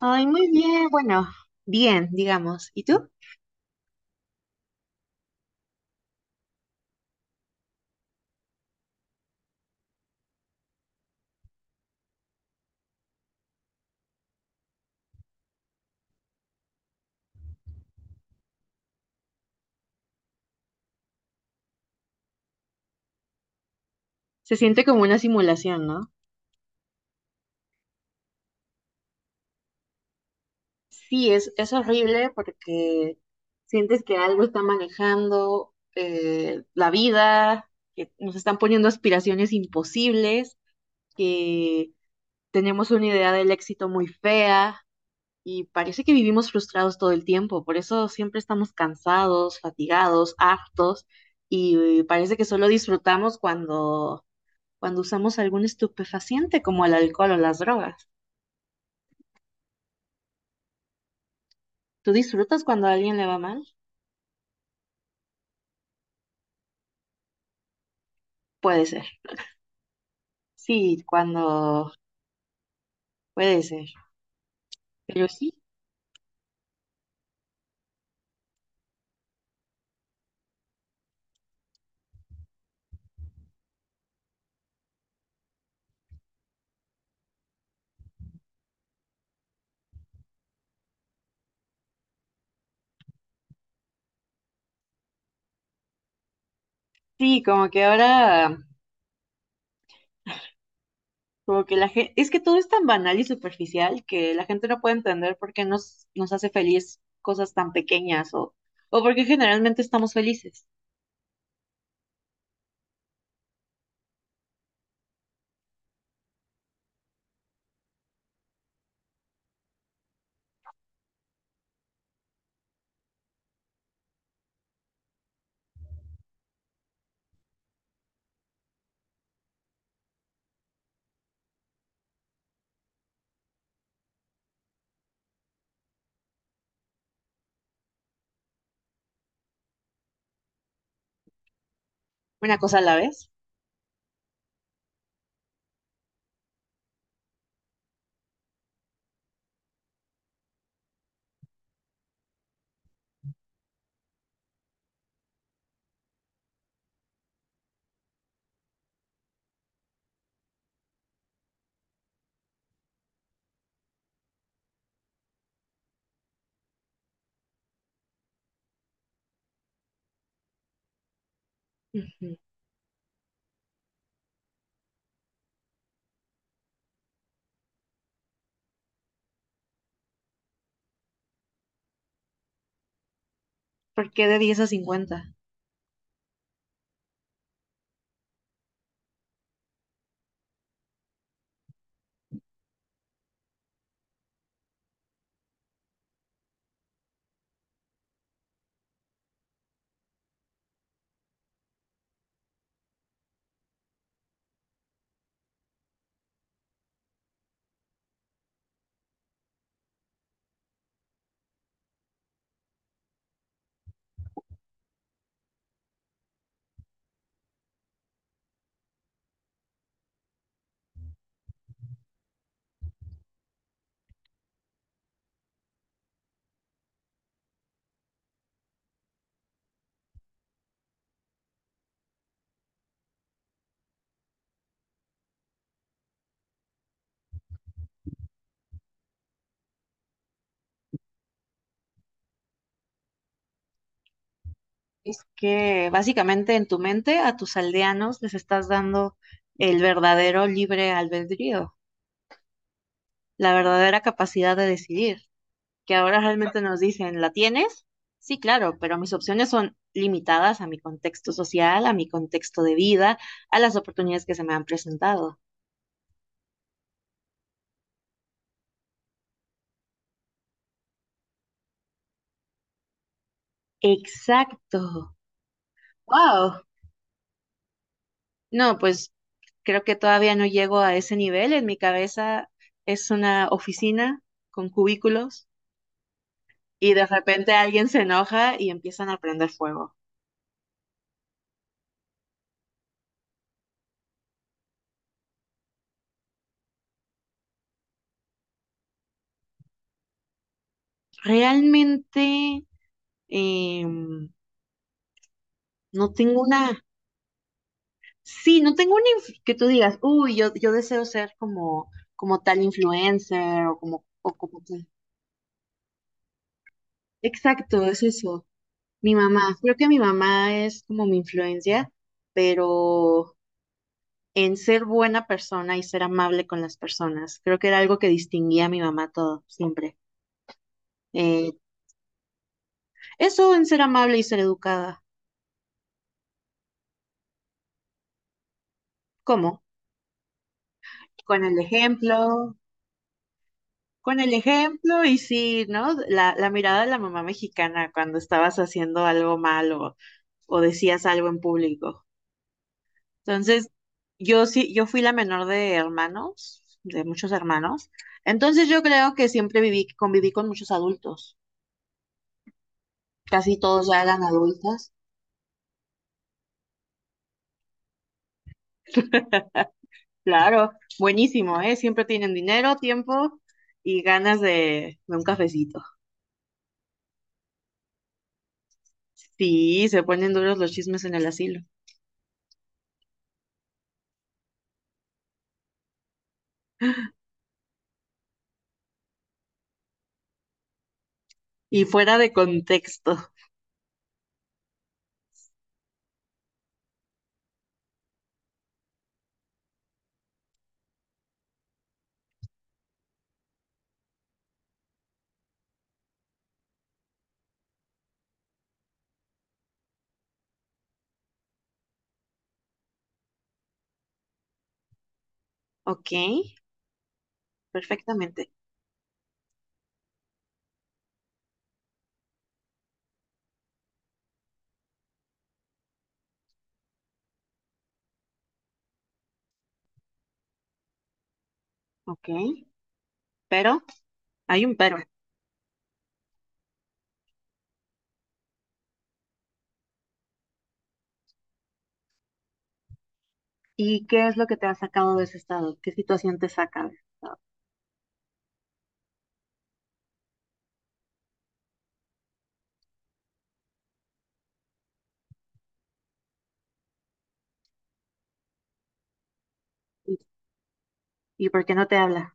Ay, muy bien, bueno, bien, digamos. ¿Y tú? Se siente como una simulación, ¿no? Sí, es horrible porque sientes que algo está manejando la vida, que nos están poniendo aspiraciones imposibles, que tenemos una idea del éxito muy fea y parece que vivimos frustrados todo el tiempo. Por eso siempre estamos cansados, fatigados, hartos y parece que solo disfrutamos cuando usamos algún estupefaciente como el alcohol o las drogas. ¿Tú disfrutas cuando a alguien le va mal? Puede ser. Sí, cuando puede ser. Pero sí, sí, como que ahora, como que la gente, es que todo es tan banal y superficial que la gente no puede entender por qué nos hace feliz cosas tan pequeñas o por qué generalmente estamos felices. Una cosa a la vez. Ujú. ¿Por qué de 10 a 50? Es que básicamente en tu mente a tus aldeanos les estás dando el verdadero libre albedrío, la verdadera capacidad de decidir, que ahora realmente nos dicen, ¿la tienes? Sí, claro, pero mis opciones son limitadas a mi contexto social, a mi contexto de vida, a las oportunidades que se me han presentado. Exacto. Wow. No, pues creo que todavía no llego a ese nivel. En mi cabeza es una oficina con cubículos y de repente alguien se enoja y empiezan a prender fuego. Realmente eh, no tengo una, sí, no tengo una que tú digas, uy, yo deseo ser como tal influencer o como tal". Exacto, es eso. Mi mamá, creo que mi mamá es como mi influencia, pero en ser buena persona y ser amable con las personas. Creo que era algo que distinguía a mi mamá todo, siempre. Eh, Eso en ser amable y ser educada. ¿Cómo? Con el ejemplo, con el ejemplo y sí, ¿no? La mirada de la mamá mexicana cuando estabas haciendo algo malo o decías algo en público. Entonces, yo sí, yo fui la menor de hermanos, de muchos hermanos. Entonces, yo creo que siempre viví, conviví con muchos adultos. Casi todos ya eran adultos. Claro, buenísimo, ¿eh? Siempre tienen dinero, tiempo y ganas de un cafecito. Sí, se ponen duros los chismes en el asilo. Y fuera de contexto. Ok, perfectamente. Ok, pero hay un pero. ¿Y qué es lo que te ha sacado de ese estado? ¿Qué situación te saca de ese estado? ¿Y, y por qué no te habla?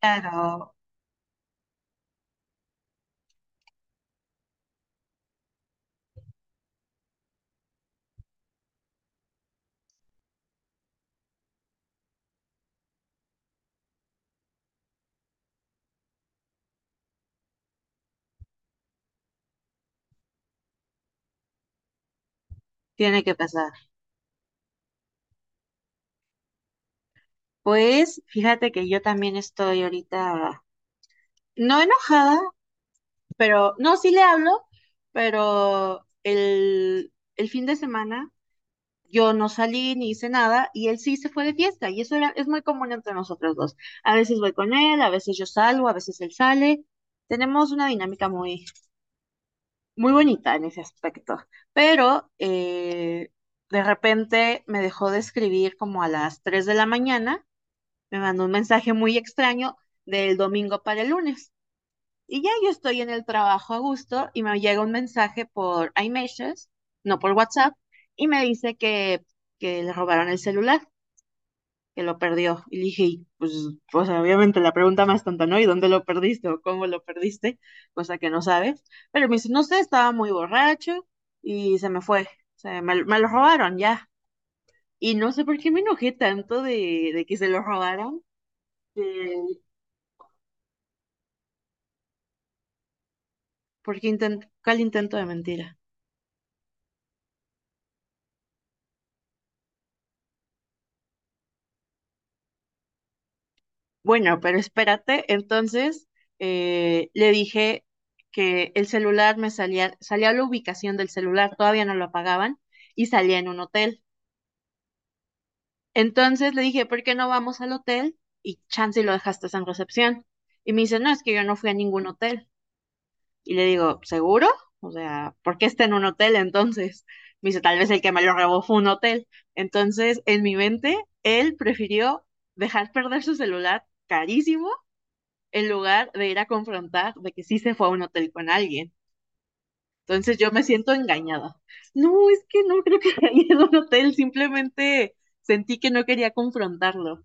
Claro, tiene que pasar. Pues fíjate que yo también estoy ahorita, no enojada, pero no, sí le hablo, pero el fin de semana Yo no salí ni hice nada y él sí se fue de fiesta y eso era, es muy común entre nosotros dos. A veces voy con él, a veces yo salgo, a veces él sale. Tenemos una dinámica muy, muy bonita en ese aspecto, pero de repente me dejó de escribir como a las 3:00 de la mañana, me mandó un mensaje muy extraño del domingo para el lunes. Y ya yo estoy en el trabajo a gusto y me llega un mensaje por iMessages, no por WhatsApp, y me dice que le robaron el celular que lo perdió. Y le dije, y, pues, o sea obviamente la pregunta más tonta, ¿no? ¿Y dónde lo perdiste o cómo lo perdiste? Cosa que no sabes. Pero me dice, no sé, estaba muy borracho y se me fue. O sea, me lo robaron ya. Y no sé por qué me enojé tanto de que se lo robaron, eh, porque intent ¿cuál intento de mentira? Bueno, pero espérate, entonces le dije que el celular me salía, salía la ubicación del celular, todavía no lo apagaban, y salía en un hotel. Entonces le dije, ¿por qué no vamos al hotel? Y chance y lo dejaste en recepción. Y me dice, no, es que yo no fui a ningún hotel. Y le digo, ¿seguro? O sea, ¿por qué está en un hotel entonces? Me dice, tal vez el que me lo robó fue un hotel. Entonces, en mi mente, él prefirió dejar perder su celular carísimo en lugar de ir a confrontar de que sí se fue a un hotel con alguien. Entonces yo me siento engañada. No, es que no creo que haya ido a un hotel, simplemente sentí que no quería confrontarlo.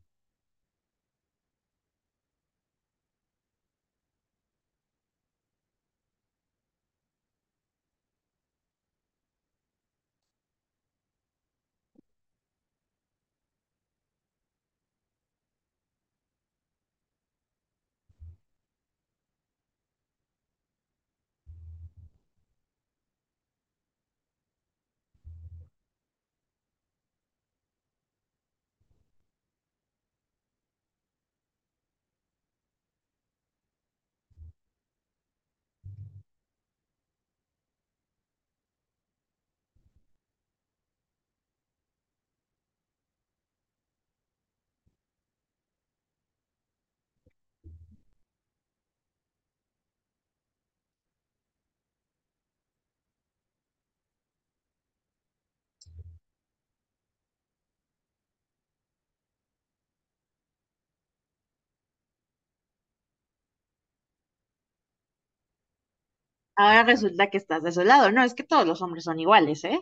Ahora resulta que estás desolado. No, es que todos los hombres son iguales, ¿eh?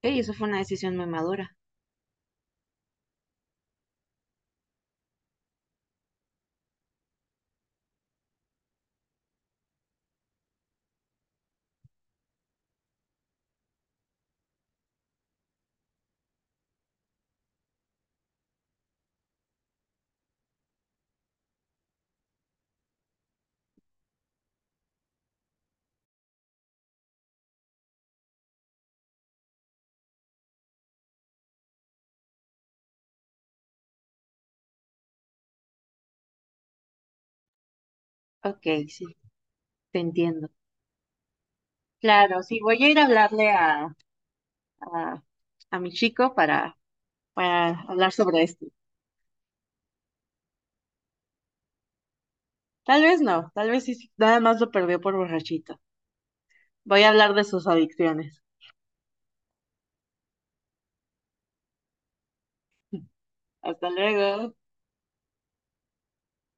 Sí, eso fue una decisión muy madura. Ok, sí, te entiendo. Claro, sí, voy a ir a hablarle a, a mi chico para hablar sobre esto. Tal vez no, tal vez sí, sí, nada más lo perdió por borrachito. Voy a hablar de sus adicciones. Hasta luego.